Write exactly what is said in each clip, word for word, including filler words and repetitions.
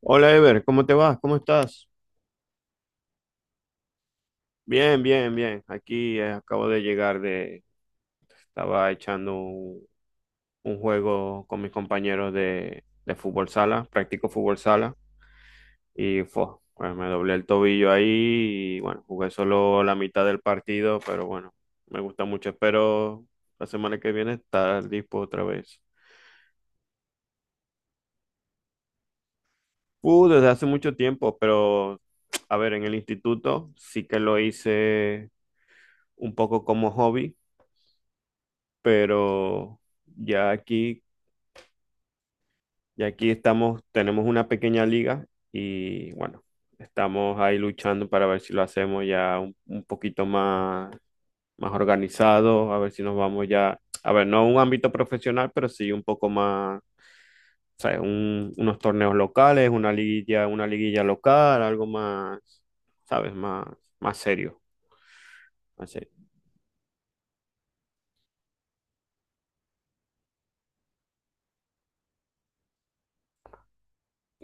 Hola Ever, ¿cómo te vas? ¿Cómo estás? Bien, bien, bien. Aquí, eh, acabo de llegar de. Estaba echando un, un juego con mis compañeros de, de fútbol sala, practico fútbol sala y fue, bueno, me doblé el tobillo ahí y bueno, jugué solo la mitad del partido, pero bueno, me gusta mucho. Espero la semana que viene estar dispo otra vez. Uh, desde hace mucho tiempo, pero a ver, en el instituto sí que lo hice un poco como hobby, pero ya aquí, ya aquí estamos, tenemos una pequeña liga y bueno, estamos ahí luchando para ver si lo hacemos ya un, un poquito más, más organizado, a ver si nos vamos ya, a ver, no a un ámbito profesional, pero sí un poco más, o sea, un- unos torneos locales, una liguilla, una liguilla local, algo más, ¿sabes? Más, más serio.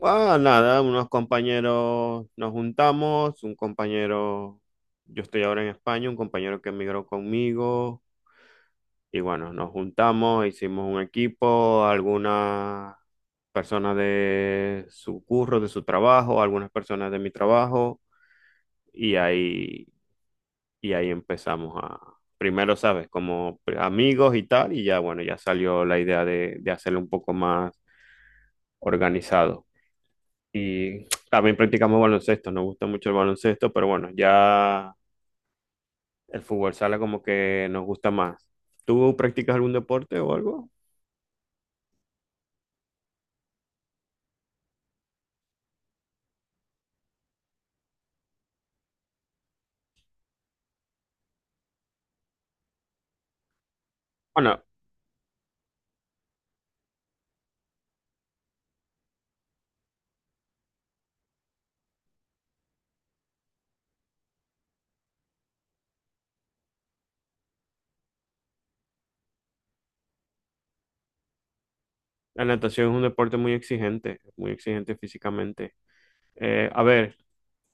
Ah, nada, unos compañeros nos juntamos, un compañero, yo estoy ahora en España, un compañero que emigró conmigo, y bueno, nos juntamos, hicimos un equipo, algunas personas de su curro, de su trabajo, algunas personas de mi trabajo, y ahí, y ahí empezamos a, primero, sabes, como pr- amigos y tal, y ya bueno, ya salió la idea de, de hacerlo un poco más organizado. Y también practicamos baloncesto, nos gusta mucho el baloncesto, pero bueno, ya el fútbol sala como que nos gusta más. ¿Tú practicas algún deporte o algo? Bueno, la natación es un deporte muy exigente, muy exigente físicamente. Eh, a ver,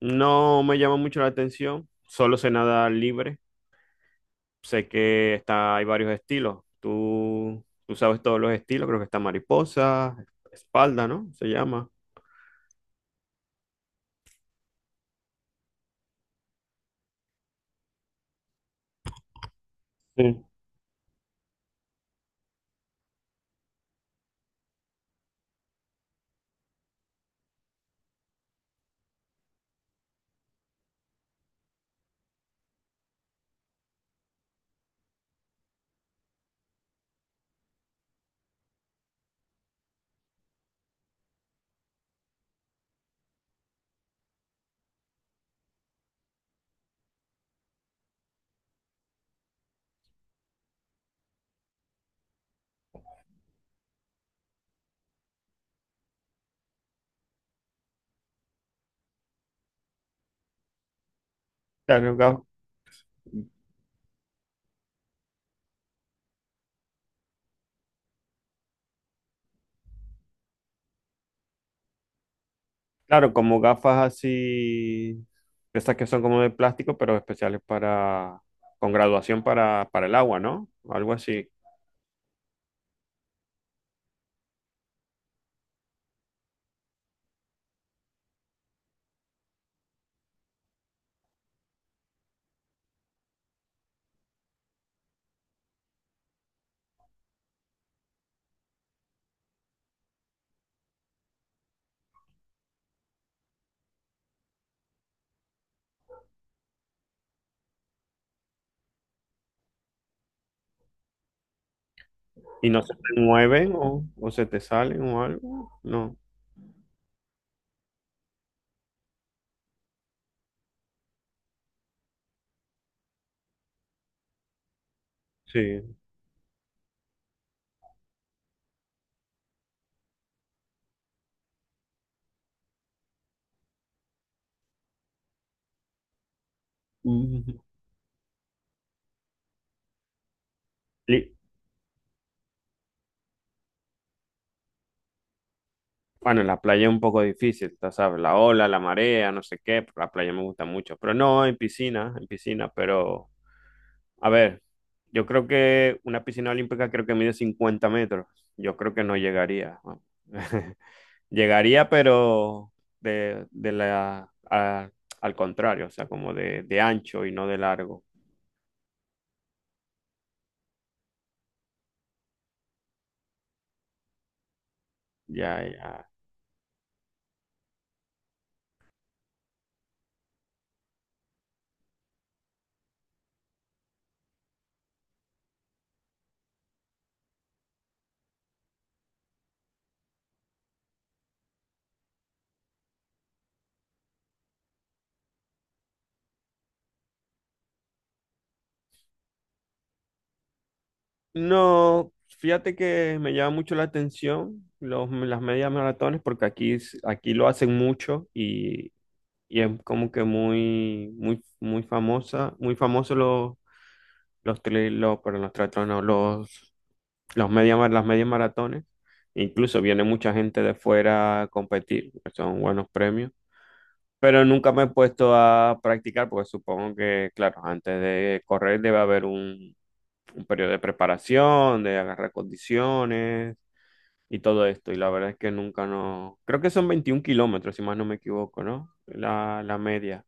no me llama mucho la atención, solo sé nadar libre, sé que está, hay varios estilos. Tú, tú sabes todos los estilos, creo que está mariposa, espalda, ¿no? Se llama. Sí. Claro, claro, como gafas así, estas que son como de plástico, pero especiales para, con graduación para, para el agua, ¿no? Algo así. Y no se te mueven o, o se te salen o algo. No, sí. Mm. Li- Bueno, en la playa es un poco difícil, tú sabes, la ola, la marea, no sé qué, pero la playa me gusta mucho. Pero no, en piscina, en piscina, pero a ver, yo creo que una piscina olímpica creo que mide cincuenta metros. Yo creo que no llegaría, ¿no? Llegaría, pero de, de la, a- al contrario, o sea, como de, de ancho y no de largo. Ya, ya. No, fíjate que me llama mucho la atención los, las medias maratones porque aquí, es- aquí lo hacen mucho y, y es como que muy, muy, muy famosa, muy famoso los, los, tri- los, perdón, los triatlones, no, los, los media, mar- las medias maratones. Incluso viene mucha gente de fuera a competir, son buenos premios, pero nunca me he puesto a practicar porque supongo que, claro, antes de correr debe haber un, un periodo de preparación, de agarrar condiciones y todo esto. Y la verdad es que nunca no. Creo que son veintiún kilómetros, si más no me equivoco, ¿no? La, la media.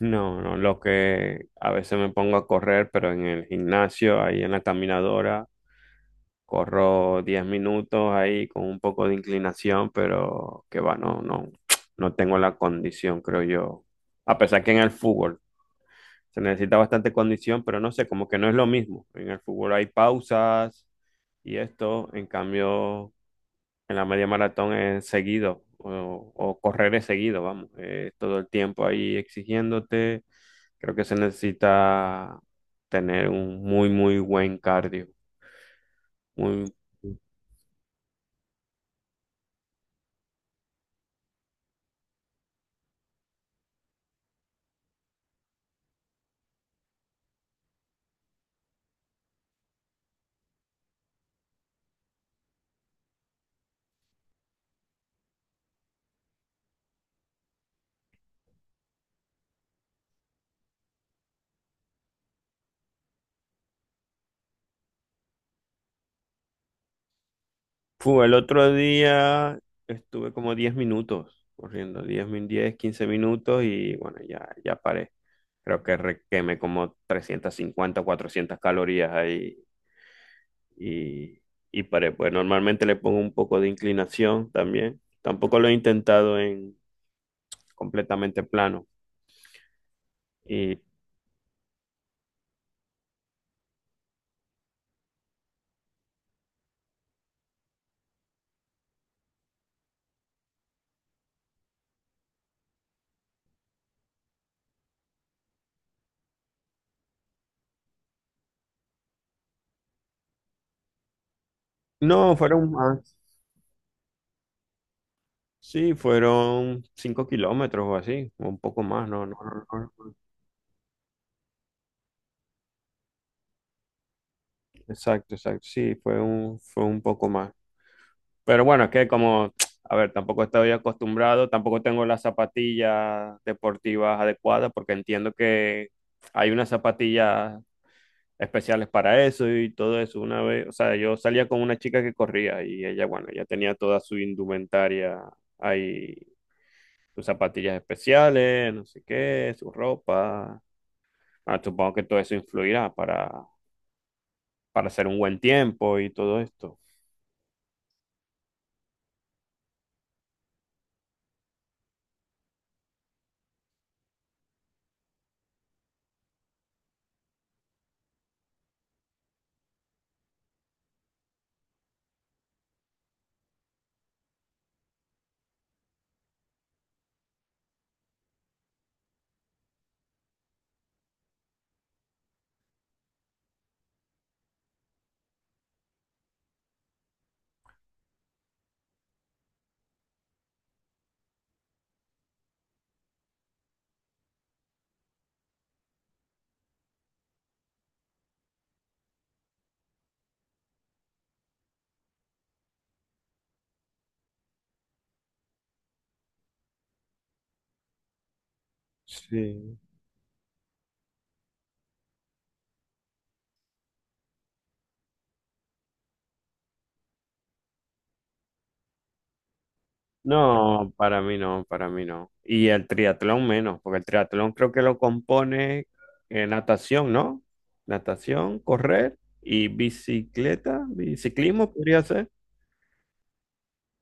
No, no, lo que a veces me pongo a correr, pero en el gimnasio, ahí en la caminadora, corro diez minutos ahí con un poco de inclinación, pero que va, no, no, no tengo la condición, creo yo. A pesar que en el fútbol se necesita bastante condición, pero no sé, como que no es lo mismo. En el fútbol hay pausas y esto, en cambio, en la media maratón es seguido o, o correr es seguido, vamos. Eh, todo el tiempo ahí exigiéndote. Creo que se necesita tener un muy, muy buen cardio. Muy. Fu, el otro día estuve como diez minutos corriendo, diez min- diez, quince minutos y bueno, ya, ya paré. Creo que re- quemé como trescientos cincuenta, cuatrocientas calorías ahí. Y, y para Pues normalmente le pongo un poco de inclinación también. Tampoco lo he intentado en completamente plano. Y no, fueron más. Sí, fueron cinco kilómetros o así, o un poco más, no, no, no, no, no. Exacto, exacto. Sí, fue un, fue un poco más. Pero bueno, es que como, a ver, tampoco estoy acostumbrado, tampoco tengo las zapatillas deportivas adecuadas, porque entiendo que hay unas zapatillas especiales para eso y todo eso. Una vez, o sea, yo salía con una chica que corría y ella, bueno, ya tenía toda su indumentaria ahí, sus zapatillas especiales, no sé qué, su ropa. Bueno, supongo que todo eso influirá para, para hacer un buen tiempo y todo esto. Sí. No, para mí no, para mí no. Y el triatlón menos, porque el triatlón creo que lo compone eh, natación, ¿no? Natación, correr y bicicleta, biciclismo podría ser.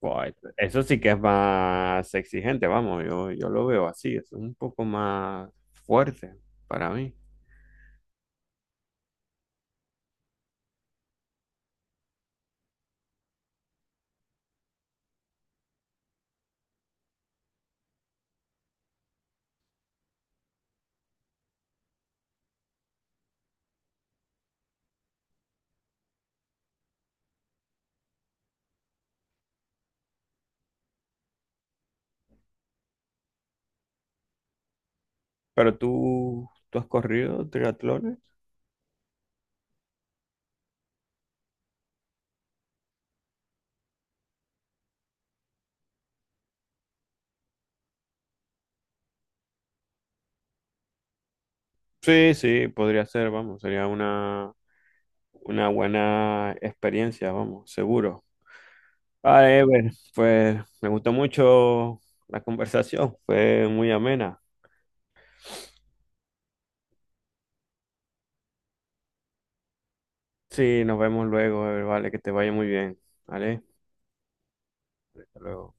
Guay, eso sí que es más exigente, vamos, yo, yo lo veo así, es un poco más fuerte para mí. Pero tú, ¿tú has corrido triatlones? Sí, sí, podría ser, vamos, sería una, una buena experiencia, vamos, seguro. Vale, Ever, pues me gustó mucho la conversación, fue muy amena. Sí, nos vemos luego, Ever, vale, que te vaya muy bien, ¿vale? Hasta luego.